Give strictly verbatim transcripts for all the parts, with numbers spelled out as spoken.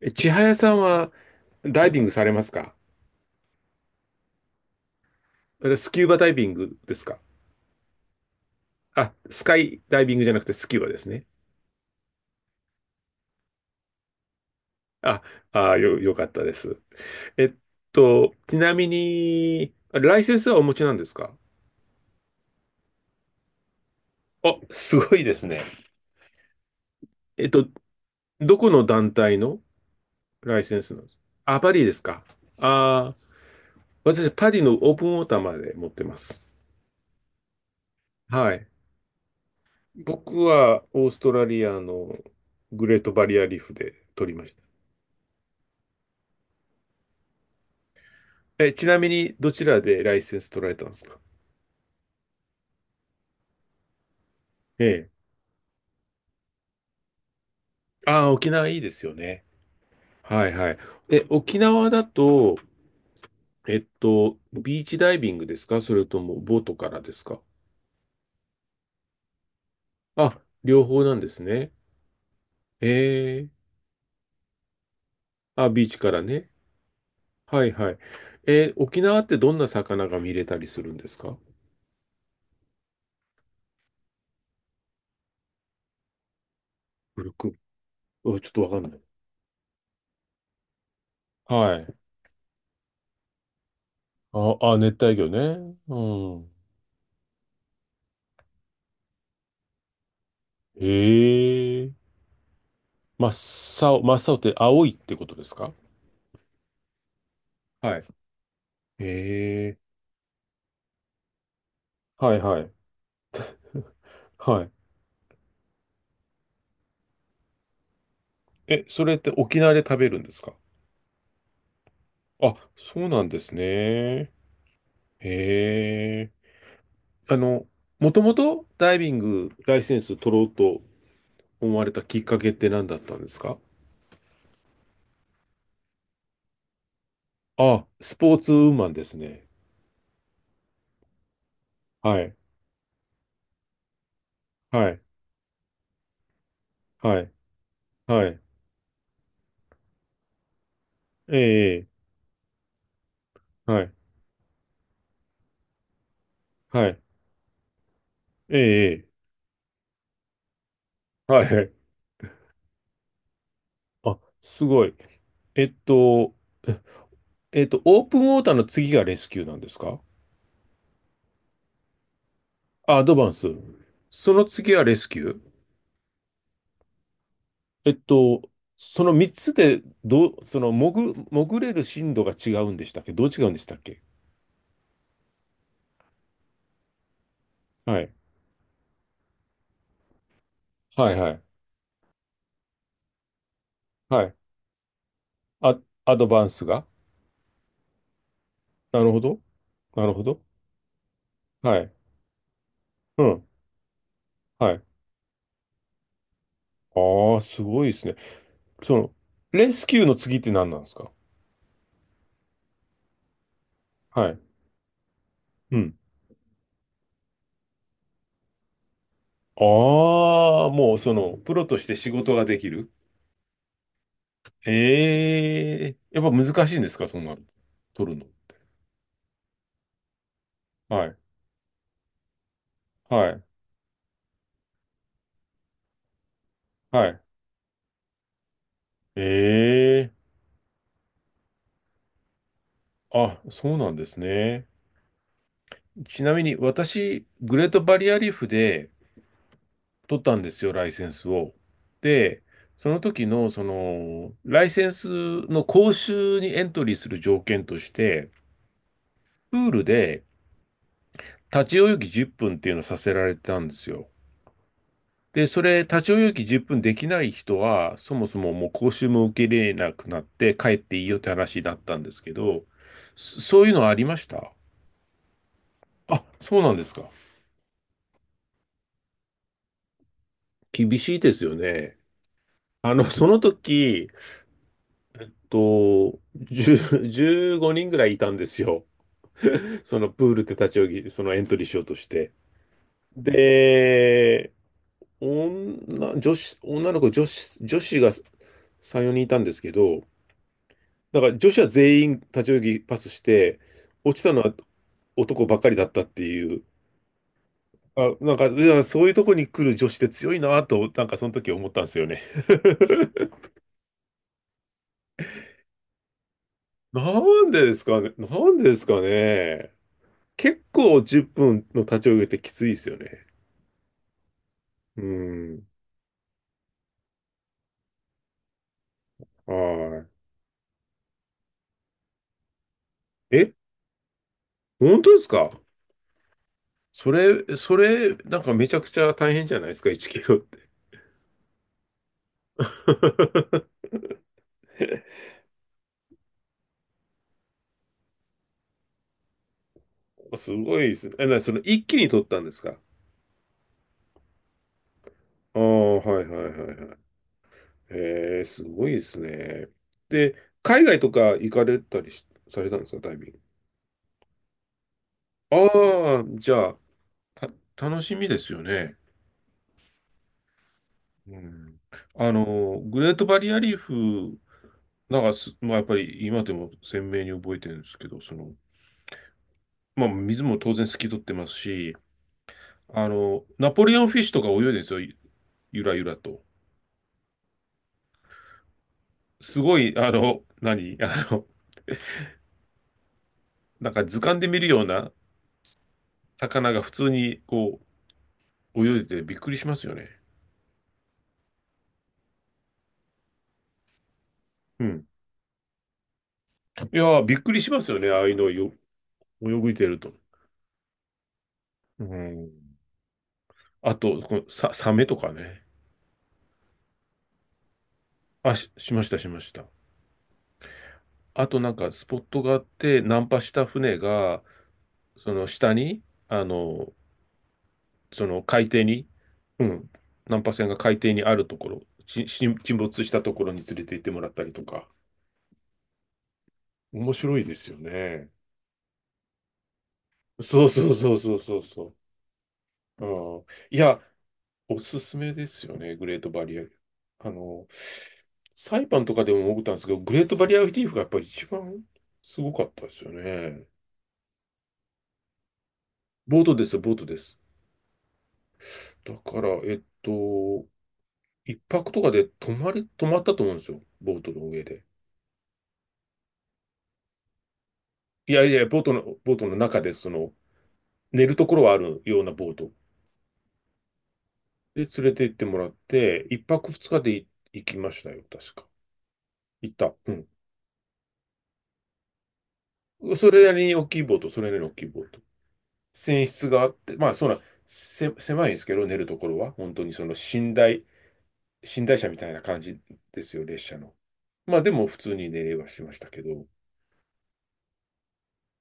え、千早さんはダイビングされますか？あれスキューバダイビングですか？あ、スカイダイビングじゃなくてスキューバですね。あ、あ、よ、よかったです。えっと、ちなみに、ライセンスはお持ちなんですか？あ、すごいですね。えっと、どこの団体のライセンスなんですか？あ、パリですか？あー。私、パリのオープンウォーターまで持ってます。はい。僕はオーストラリアのグレートバリアリーフで取りました。え、ちなみに、どちらでライセンス取られたんですか？ええ。ああ、沖縄いいですよね。はいはい。え、沖縄だと、えっと、ビーチダイビングですか？それともボートからですか？あ、両方なんですね。ええ。あ、ビーチからね。はいはい。え、沖縄ってどんな魚が見れたりするんですか？古く、あ、ちょっとわかんない。はい。あ、あ、熱帯魚ね。うん。へえ。真っ青、真っ青って青いってことですか？はい。へえ。はいはい。はい。え、それって沖縄で食べるんですか？あ、そうなんですね。へえ。あの、もともとダイビングライセンス取ろうと思われたきっかけって何だったんですか？あ、スポーツウーマンですね。はい、はい、はい、はい。ええ、はい、はい、ええ、はい。あ、すごい。えっと、えっと、オープンウォーターの次がレスキューなんですか？アドバンス。その次はレスキュー？えっと、そのみっつで、どう、その潜、潜れる深度が違うんでしたっけ？どう違うんでしたっけ？はい。はいはい。はい。あ、アドバンスが？なるほど。なるほど。はい。うん。はい。ああ、すごいですね。その、レスキューの次って何なんですか？はい。うん。ああ、もうその、プロとして仕事ができる。ええ、やっぱ難しいんですか、そんなの。取るの。はい。はい。はい。ええ。あ、そうなんですね。ちなみに私、グレートバリアリーフで取ったんですよ、ライセンスを。で、その時の、その、ライセンスの講習にエントリーする条件として、プールで立ち泳ぎじゅっぷんっぷんっていうのをさせられてたんですよ。で、それ、立ち泳ぎじゅっぷんできない人は、そもそももう講習も受け入れなくなって帰っていいよって話だったんですけど、そそういうのはありました？あ、そうなんですか。厳しいですよね。あの、その時、と、じゅう じゅうごにんぐらいいたんですよ。そのプールって立ち泳ぎ、そのエントリーしようとして。で、女、女子、女の子、女子、女子がさん、よにんいたんですけど、だから女子は全員立ち泳ぎパスして、落ちたのは男ばっかりだったっていう。あ、なんか、いやそういうとこに来る女子って強いなと、なんかその時思ったんですよね。なんでですかね、なんでですかね。結構じゅっぷんの立ち上げってきついですよね。うん。はい。え、本当ですか？それ、それ、なんかめちゃくちゃ大変じゃないですか、いちキロって。すごいですね。え、な、その一気に取ったんですか？ああ、はいはいはいはい。へえ、すごいですね。で、海外とか行かれたりしされたんですか、ダイビング。ああ、じゃあ、た楽しみですよね。うん。あの、グレートバリアリーフなんかす、まあ、やっぱり今でも鮮明に覚えてるんですけど、その、まあ、水も当然透き通ってますし、あの、ナポレオンフィッシュとか泳いでるんですよ、ゆゆらゆらと。すごい、あの、何あの、なんか図鑑で見るような魚が普通にこう、泳いでてびっくりしますよね。うん。いやー、びっくりしますよね、ああいうのをよ、泳いでると。うん。あと、このサ、サメとかね。あ、し、しました、しました。あとなんかスポットがあって、ナンパした船が、その下に、あの、その海底に、うん、難破船が海底にあるところ、ち沈沈没したところに連れて行ってもらったりとか、面白いですよね。そうそうそうそうそうそう。うん、いや、おすすめですよね、グレートバリア。あの、サイパンとかでも思ったんですけど、グレートバリアリーフがやっぱり一番すごかったですよね。ボートです、ボートです。だから、えっと、一泊とかで泊まり、泊まったと思うんですよ、ボートの上で。いやいや、ボートの、ボートの中で、その、寝るところはあるようなボートで連れて行ってもらって、一泊二日でい行きましたよ、確か。行った。うん。それなりに大きいボート、それなりに大きいボート。船室があって、まあ、そうな、せ、狭いんですけど、寝るところは。本当にその寝台、寝台車みたいな感じですよ、列車の。まあ、でも普通に寝れはしましたけど、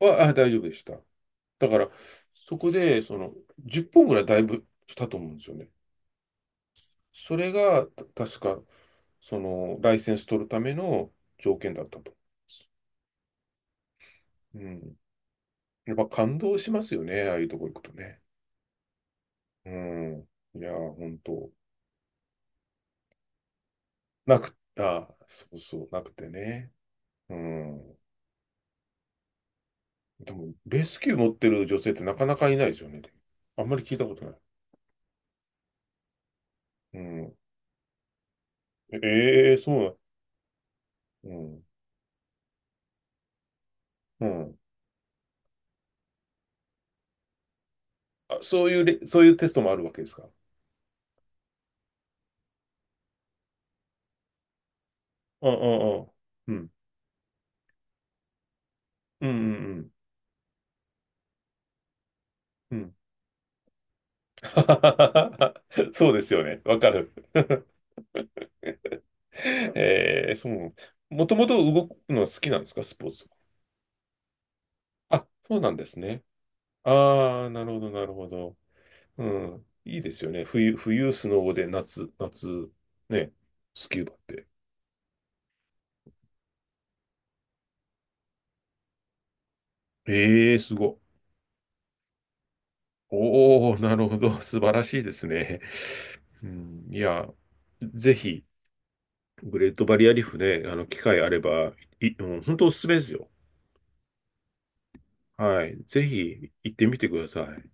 あ、あ、大丈夫でした。だから、そこで、その、じゅっぽんぐらいだいぶしたと思うんですよね。それが、た確か、その、ライセンス取るための条件だったと。うん。やっぱ感動しますよね、ああいうとこ行くとね。うん。いや、本当なく、あ、そうそう、なくてね。うん。でも、レスキュー持ってる女性ってなかなかいないですよね。あんまり聞いたことない。うん。ええ、そうなの、うん。うん。あ、そういうレ、そういうテストもあるわけですか。うんうんうん。うん。うんうんうん。うん。 そうですよね。わかる。えー、そう。もともと動くのは好きなんですか、スポーツ。あ、そうなんですね。ああ、なるほど、なるほど。うん。いいですよね。冬、冬、スノボで夏、夏、ね、スキューバって。ええー、すごい。おお、なるほど。素晴らしいですね。うん、いや、ぜひ、グレートバリアリーフね、あの、機会あれば、い、うん、本当おすすめですよ。はい。ぜひ、行ってみてください。